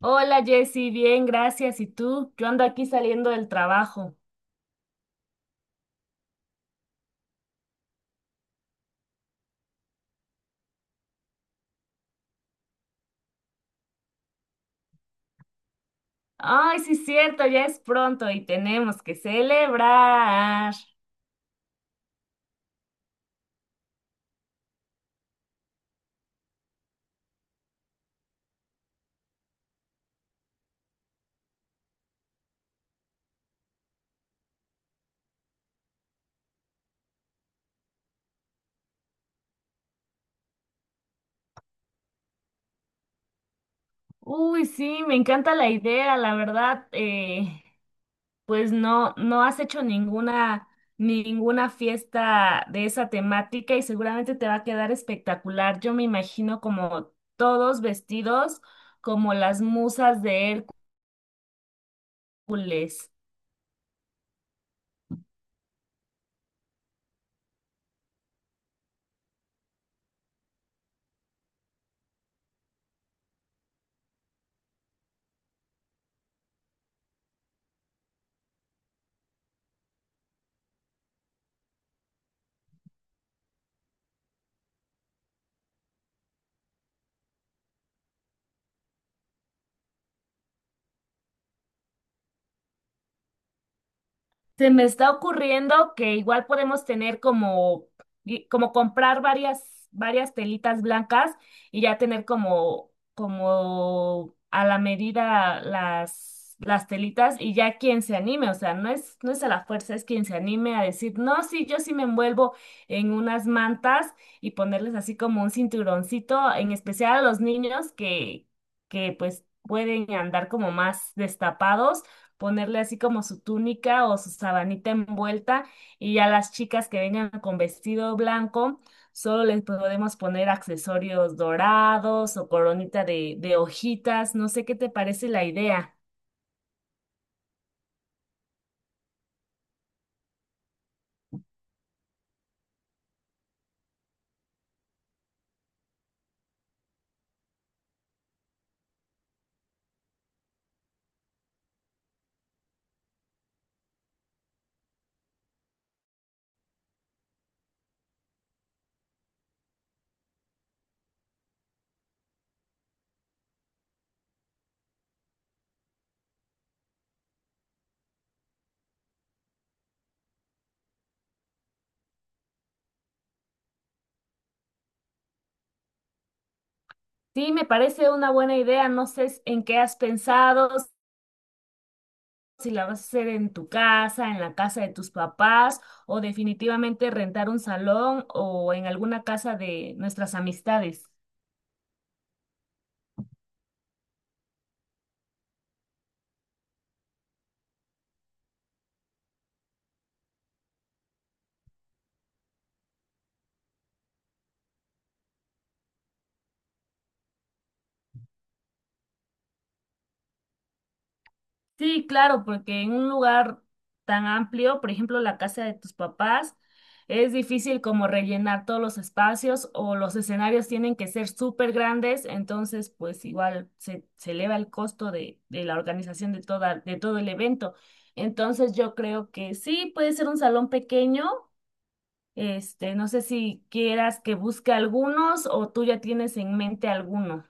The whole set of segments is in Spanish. Hola Jessy, bien, gracias. ¿Y tú? Yo ando aquí saliendo del trabajo. Ay, sí, cierto, ya es pronto y tenemos que celebrar. Uy, sí, me encanta la idea, la verdad. Pues no, ninguna fiesta de esa temática y seguramente te va a quedar espectacular. Yo me imagino como todos vestidos como las musas de Hércules. Se me está ocurriendo que igual podemos tener como, como comprar varias telitas blancas y ya tener como, como a la medida las telitas y ya quien se anime, o sea, no es a la fuerza, es quien se anime a decir, no, sí, yo sí me envuelvo en unas mantas y ponerles así como un cinturoncito, en especial a los niños que pues pueden andar como más destapados, ponerle así como su túnica o su sabanita envuelta y ya las chicas que vengan con vestido blanco, solo les podemos poner accesorios dorados o coronita de hojitas, no sé qué te parece la idea. Sí, me parece una buena idea, no sé en qué has pensado, si la vas a hacer en tu casa, en la casa de tus papás o definitivamente rentar un salón o en alguna casa de nuestras amistades. Sí, claro, porque en un lugar tan amplio, por ejemplo, la casa de tus papás, es difícil como rellenar todos los espacios o los escenarios tienen que ser súper grandes, entonces pues igual se eleva el costo de la organización de de todo el evento. Entonces yo creo que sí, puede ser un salón pequeño, este, no sé si quieras que busque algunos o tú ya tienes en mente alguno.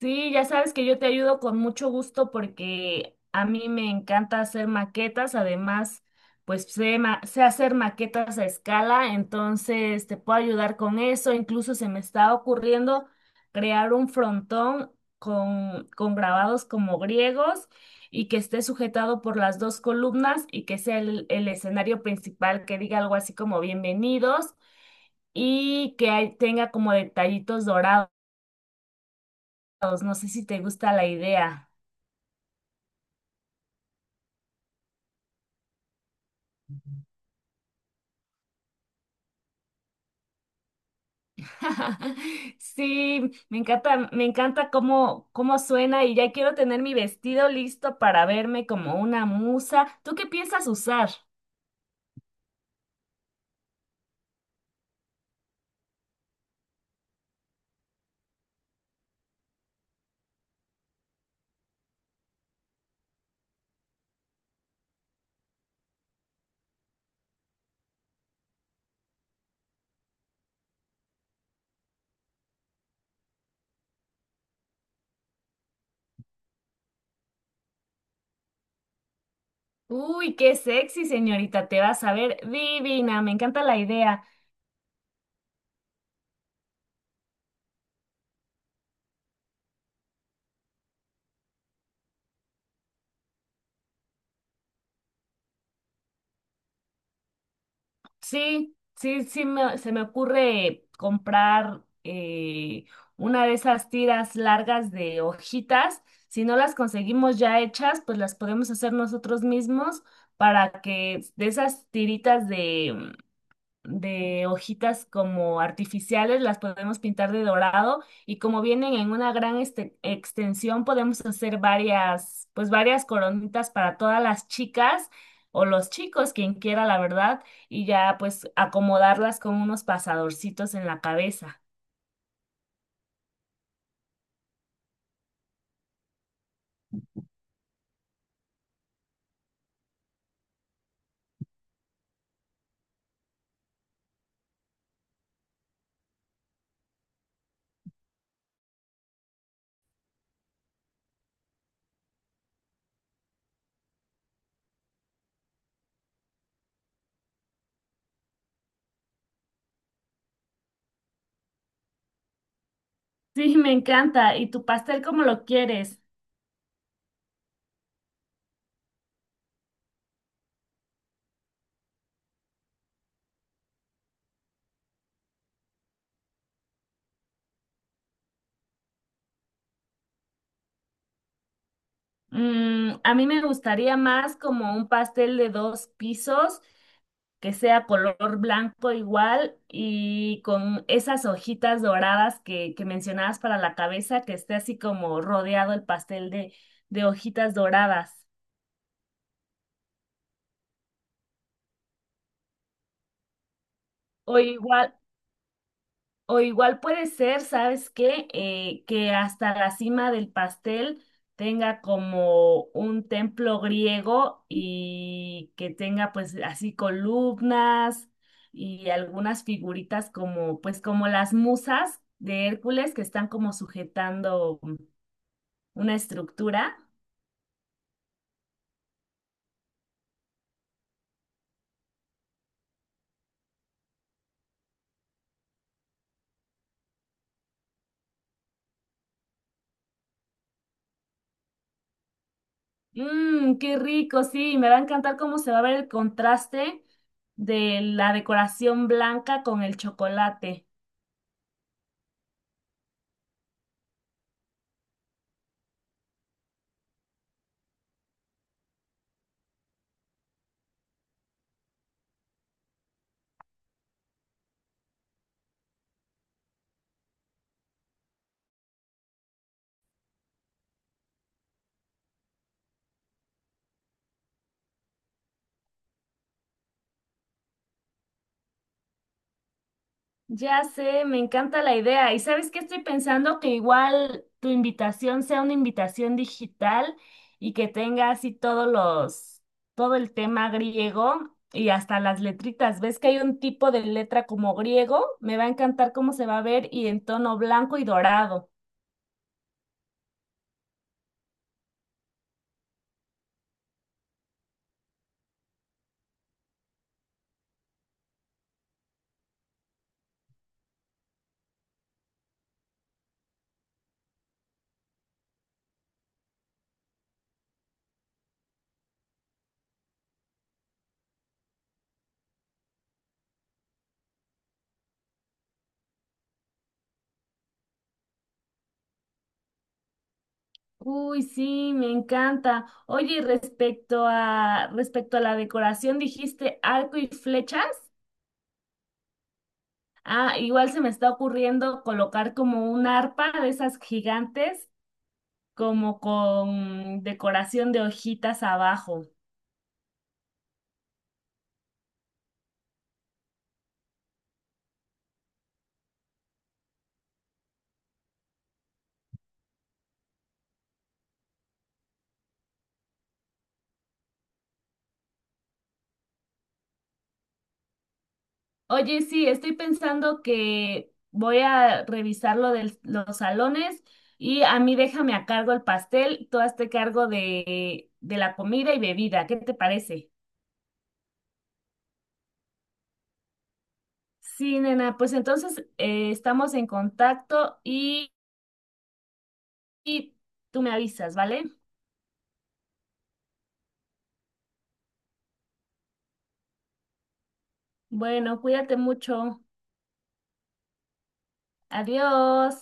Sí, ya sabes que yo te ayudo con mucho gusto porque a mí me encanta hacer maquetas, además, pues sé hacer maquetas a escala, entonces te puedo ayudar con eso, incluso se me está ocurriendo crear un frontón con grabados como griegos y que esté sujetado por las dos columnas y que sea el escenario principal que diga algo así como bienvenidos y que tenga como detallitos dorados, no sé si te gusta la idea. Sí, me encanta cómo suena y ya quiero tener mi vestido listo para verme como una musa. ¿Tú qué piensas usar? Uy, qué sexy, señorita, te vas a ver divina, me encanta la idea. Sí, sí, sí, se me ocurre comprar una de esas tiras largas de hojitas. Si no las conseguimos ya hechas, pues las podemos hacer nosotros mismos para que de esas tiritas de hojitas como artificiales, las podemos pintar de dorado y como vienen en una gran extensión, podemos hacer varias, pues varias coronitas para todas las chicas o los chicos, quien quiera, la verdad, y ya pues acomodarlas con unos pasadorcitos en la cabeza. Sí, me encanta. ¿Y tu pastel cómo lo quieres? Mm, a mí me gustaría más como un pastel de dos pisos que sea color blanco igual y con esas hojitas doradas que mencionabas para la cabeza, que esté así como rodeado el pastel de hojitas doradas. O igual, O igual puede ser, ¿sabes qué? Que hasta la cima del pastel tenga como un templo griego y que tenga pues así columnas y algunas figuritas como pues como las musas de Hércules que están como sujetando una estructura. Mmm, qué rico, sí, me va a encantar cómo se va a ver el contraste de la decoración blanca con el chocolate. Ya sé, me encanta la idea. ¿Y sabes qué estoy pensando? Que igual tu invitación sea una invitación digital y que tenga así todo el tema griego y hasta las letritas. ¿Ves que hay un tipo de letra como griego? Me va a encantar cómo se va a ver y en tono blanco y dorado. Uy, sí, me encanta. Oye, y respecto a la decoración, dijiste arco y flechas. Ah, igual se me está ocurriendo colocar como un arpa de esas gigantes, como con decoración de hojitas abajo. Oye, sí, estoy pensando que voy a revisar lo de los salones y a mí déjame a cargo el pastel, tú hazte cargo de la comida y bebida. ¿Qué te parece? Sí, nena, pues entonces estamos en contacto y tú me avisas, ¿vale? Bueno, cuídate mucho. Adiós.